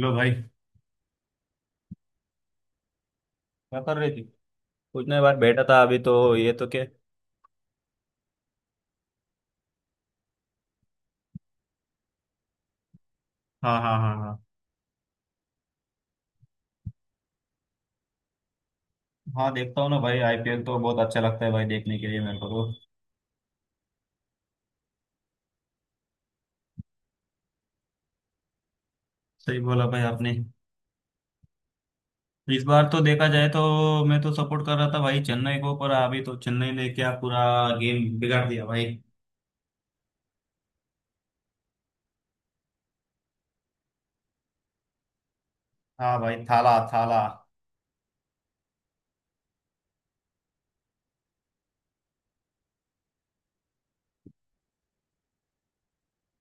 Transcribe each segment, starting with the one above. लो भाई। क्या कर रही थी? कुछ नहीं, बार बैठा था। अभी तो ये तो क्या। हाँ, हाँ, हाँ, हाँ, हाँ। देखता हूँ ना भाई, आईपीएल तो बहुत अच्छा लगता है भाई देखने के लिए मेरे को तो। सही बोला भाई आपने। इस बार तो देखा जाए तो मैं तो सपोर्ट कर रहा था भाई चेन्नई को, पर अभी तो चेन्नई ने क्या पूरा गेम बिगाड़ दिया भाई। हाँ भाई, थाला थाला।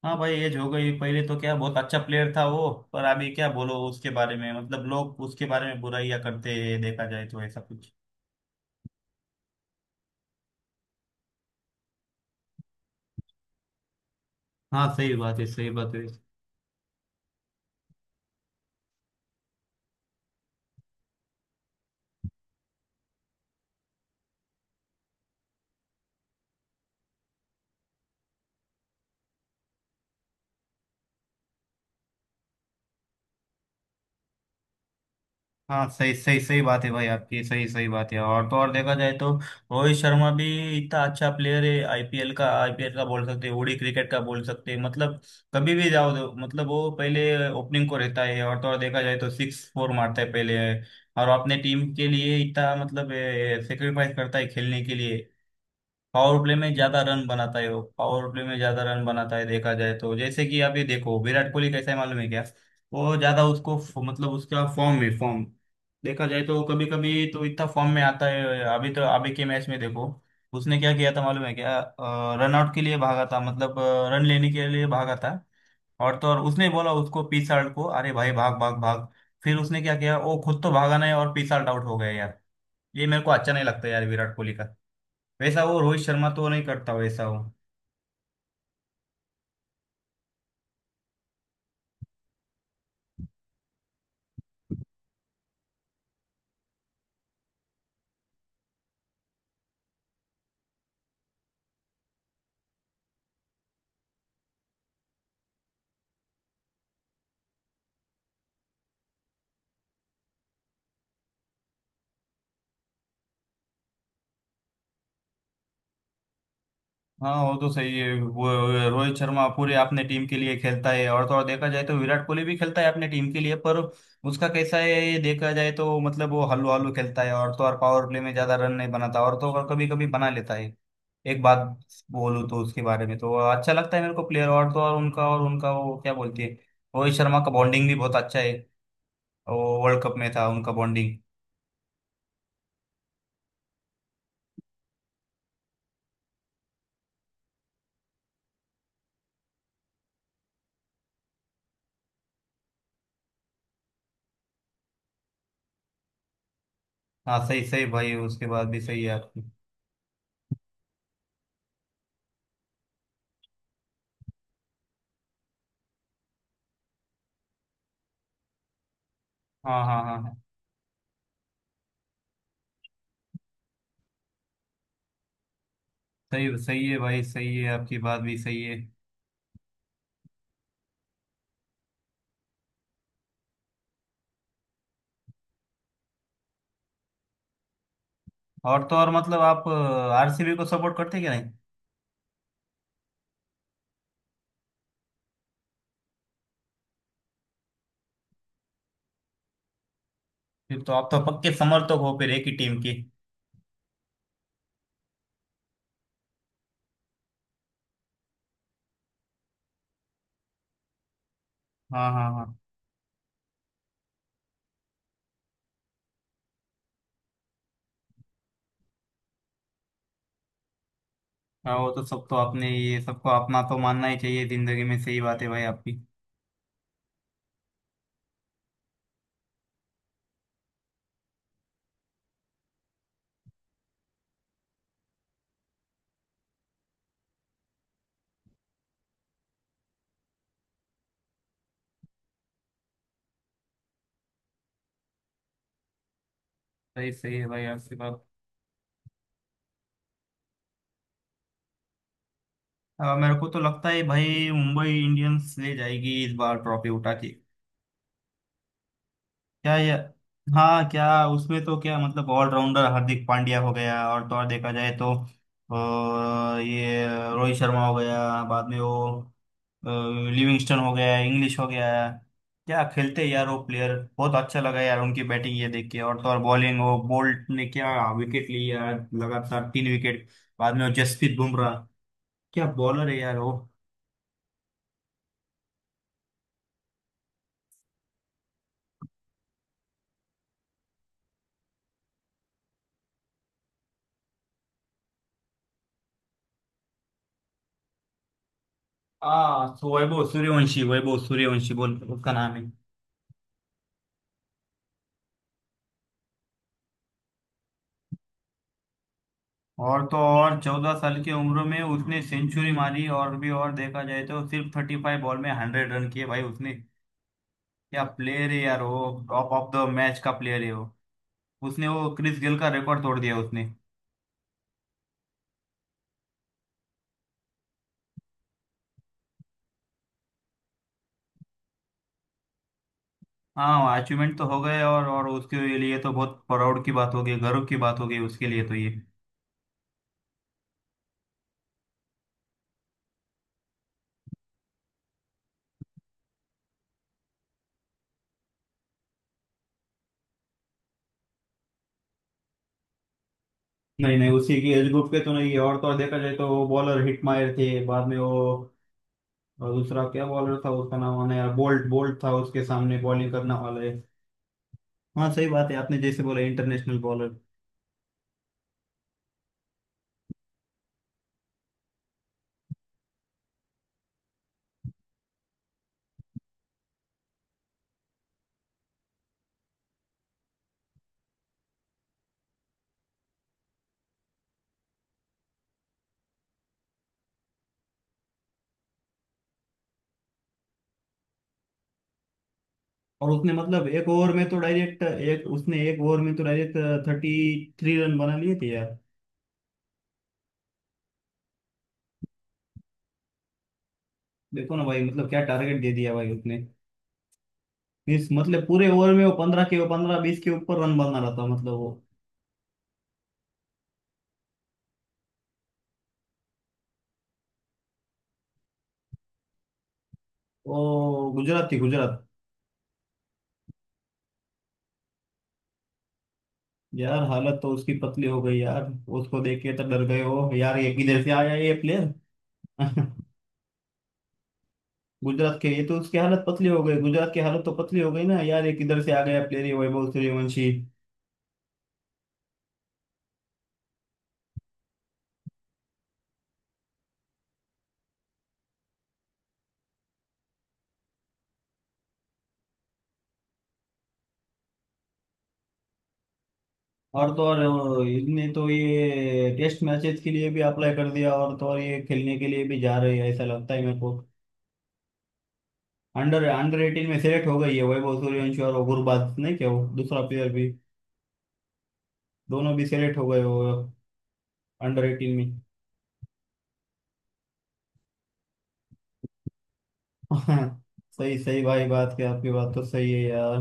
हाँ भाई, एज हो गई। पहले तो क्या बहुत अच्छा प्लेयर था वो, पर अभी क्या बोलो उसके बारे में, मतलब लोग उसके बारे में बुराइयां करते हैं, देखा जाए तो ऐसा कुछ। हाँ, सही बात है, सही बात है। हाँ, सही सही सही बात है भाई आपकी, सही सही बात है। और तो और देखा जाए तो रोहित शर्मा भी इतना अच्छा प्लेयर है। आईपीएल का, आईपीएल का बोल सकते हैं, ओडी क्रिकेट का बोल सकते हैं, मतलब कभी भी जाओ। दो मतलब वो पहले ओपनिंग को रहता है, और तो और देखा जाए तो सिक्स फोर मारता है पहले। और अपने टीम के लिए इतना मतलब सेक्रीफाइस करता है खेलने के लिए। पावर प्ले में ज्यादा रन बनाता है वो, पावर प्ले में ज्यादा रन बनाता है। देखा जाए तो जैसे कि आप ये देखो विराट कोहली कैसा है, मालूम है क्या। वो ज्यादा उसको मतलब उसका फॉर्म में फॉर्म देखा जाए तो, कभी कभी तो इतना फॉर्म में आता है। अभी तो अभी के मैच में देखो उसने क्या किया था, मालूम है क्या? रन आउट के लिए भागा था, मतलब रन लेने के लिए भागा था। और तो और उसने बोला उसको पिसाल्ट को, अरे भाई, भाग भाग भाग। फिर उसने क्या किया? वो खुद तो भागा नहीं और पिसाल्ट आउट हो गया यार। ये मेरे को अच्छा नहीं लगता यार विराट कोहली का। वैसा वो रोहित शर्मा तो नहीं करता वैसा वो। हाँ, वो तो सही है। वो रोहित शर्मा पूरे अपने टीम के लिए खेलता है। और तो और देखा जाए तो विराट कोहली भी खेलता है अपने टीम के लिए, पर उसका कैसा है ये देखा जाए तो, मतलब वो हल्लू हल्लू खेलता है। और तो और पावर प्ले में ज्यादा रन नहीं बनाता, और तो और कभी कभी बना लेता है। एक बात बोलूँ तो उसके बारे में, तो अच्छा लगता है मेरे को प्लेयर। और तो और उनका वो क्या बोलती है, रोहित शर्मा का बॉन्डिंग भी बहुत अच्छा है। वो वर्ल्ड कप में था उनका बॉन्डिंग। हाँ, सही सही भाई, उसके बाद भी सही है आपकी। हाँ, हाँ, हाँ। सही सही है भाई, सही है आपकी बात भी सही है। और तो और मतलब आप आरसीबी को सपोर्ट करते हैं क्या, नहीं? फिर तो आप तो पक्के समर्थक हो फिर एक ही टीम के। हाँ, हाँ, हाँ, हाँ। वो तो सब तो, आपने ये सबको अपना तो मानना ही चाहिए जिंदगी में। सही बात है भाई आपकी, सही सही है भाई आपकी बात। हाँ, मेरे को तो लगता है भाई मुंबई इंडियंस ले जाएगी इस बार ट्रॉफी उठा के। क्या ये, हाँ क्या। उसमें तो क्या मतलब ऑलराउंडर हार्दिक पांड्या हो गया, और तो और देखा जाए तो ये रोहित शर्मा हो गया। बाद में वो अ, लिविंगस्टन हो गया, इंग्लिश हो गया। क्या खेलते यार वो प्लेयर, बहुत अच्छा लगा यार उनकी बैटिंग ये देख के। और तो और बॉलिंग वो बोल्ट ने क्या विकेट ली यार, लगातार तीन विकेट। बाद में वो जसप्रीत बुमराह, क्या बॉलर है यार वो। हाँ सो वैभव सूर्यवंशी, वैभव सूर्यवंशी बोल उसका नाम है। और तो और 14 साल की उम्र में उसने सेंचुरी मारी, और भी और देखा जाए तो सिर्फ 35 बॉल में 100 रन किए भाई उसने। क्या प्लेयर है यार वो, टॉप ऑफ द मैच का प्लेयर है वो। उसने वो क्रिस गेल का रिकॉर्ड तोड़ दिया उसने। हाँ, अचीवमेंट तो हो गए, और उसके लिए तो बहुत प्राउड की बात हो गई, गर्व की बात हो गई उसके लिए तो ये। नहीं नहीं, उसी की एज ग्रुप के तो नहीं है, और तो और देखा जाए तो वो बॉलर हिट मायर थे। बाद में वो, और दूसरा क्या बॉलर था उसका नाम, आना यार बोल्ट, बोल्ट था उसके सामने बॉलिंग करने वाला। हाँ सही बात है आपने जैसे बोला इंटरनेशनल बॉलर। और उसने मतलब एक ओवर में तो डायरेक्ट एक उसने एक ओवर में तो डायरेक्ट 33 रन बना लिए थे यार। देखो ना भाई, मतलब क्या टारगेट दे दिया भाई उसने। मीन्स मतलब पूरे ओवर में वो 15 के 15 20 के ऊपर रन बना रहा था, मतलब वो। वो गुजरात थी, गुजरात। यार हालत तो उसकी पतली हो गई यार, उसको देख के तो डर गए हो यार, ये किधर से आया ये प्लेयर। गुजरात के, ये तो उसकी हालत पतली हो गई, गुजरात की हालत तो पतली हो गई ना यार, ये किधर से आ गया प्लेयर ये वैभव सूर्यवंशी। और तो और इसने तो ये टेस्ट मैचेस के लिए भी अप्लाई कर दिया, और तो और ये खेलने के लिए भी जा रही है ऐसा लगता है मेरे को। अंडर अंडर 18 में सेलेक्ट हो गई है वैभव सूर्यवंशी, और गुरबाज नहीं क्या वो दूसरा प्लेयर भी। दोनों भी सेलेक्ट हो गए वो अंडर 18 में। सही सही भाई बात, क्या आपकी बात तो सही है यार।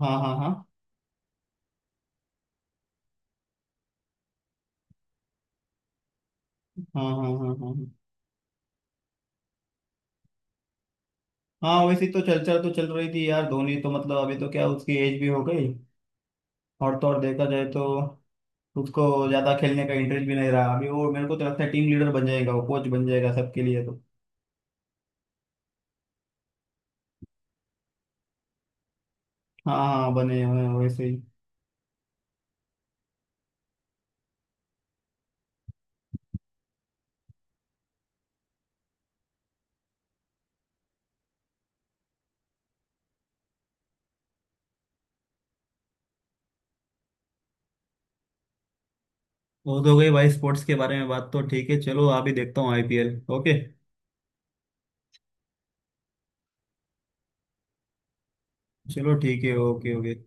हाँ, हाँ, हाँ, हाँ, हाँ, हाँ, हाँ, हाँ। हाँ, वैसे तो चर्चा तो चल रही थी यार, धोनी तो मतलब अभी तो क्या उसकी एज भी हो गई, और तो और देखा जाए तो उसको ज्यादा खेलने का इंटरेस्ट भी नहीं रहा अभी। वो मेरे को तो लगता है टीम लीडर बन जाएगा, वो कोच बन जाएगा सबके लिए तो। हाँ, हाँ, हाँ, बने हाँ, वैसे ही। वो तो गई भाई, स्पोर्ट्स के बारे में बात तो ठीक है, चलो अभी देखता हूँ आईपीएल, ओके। चलो ठीक है, ओके ओके।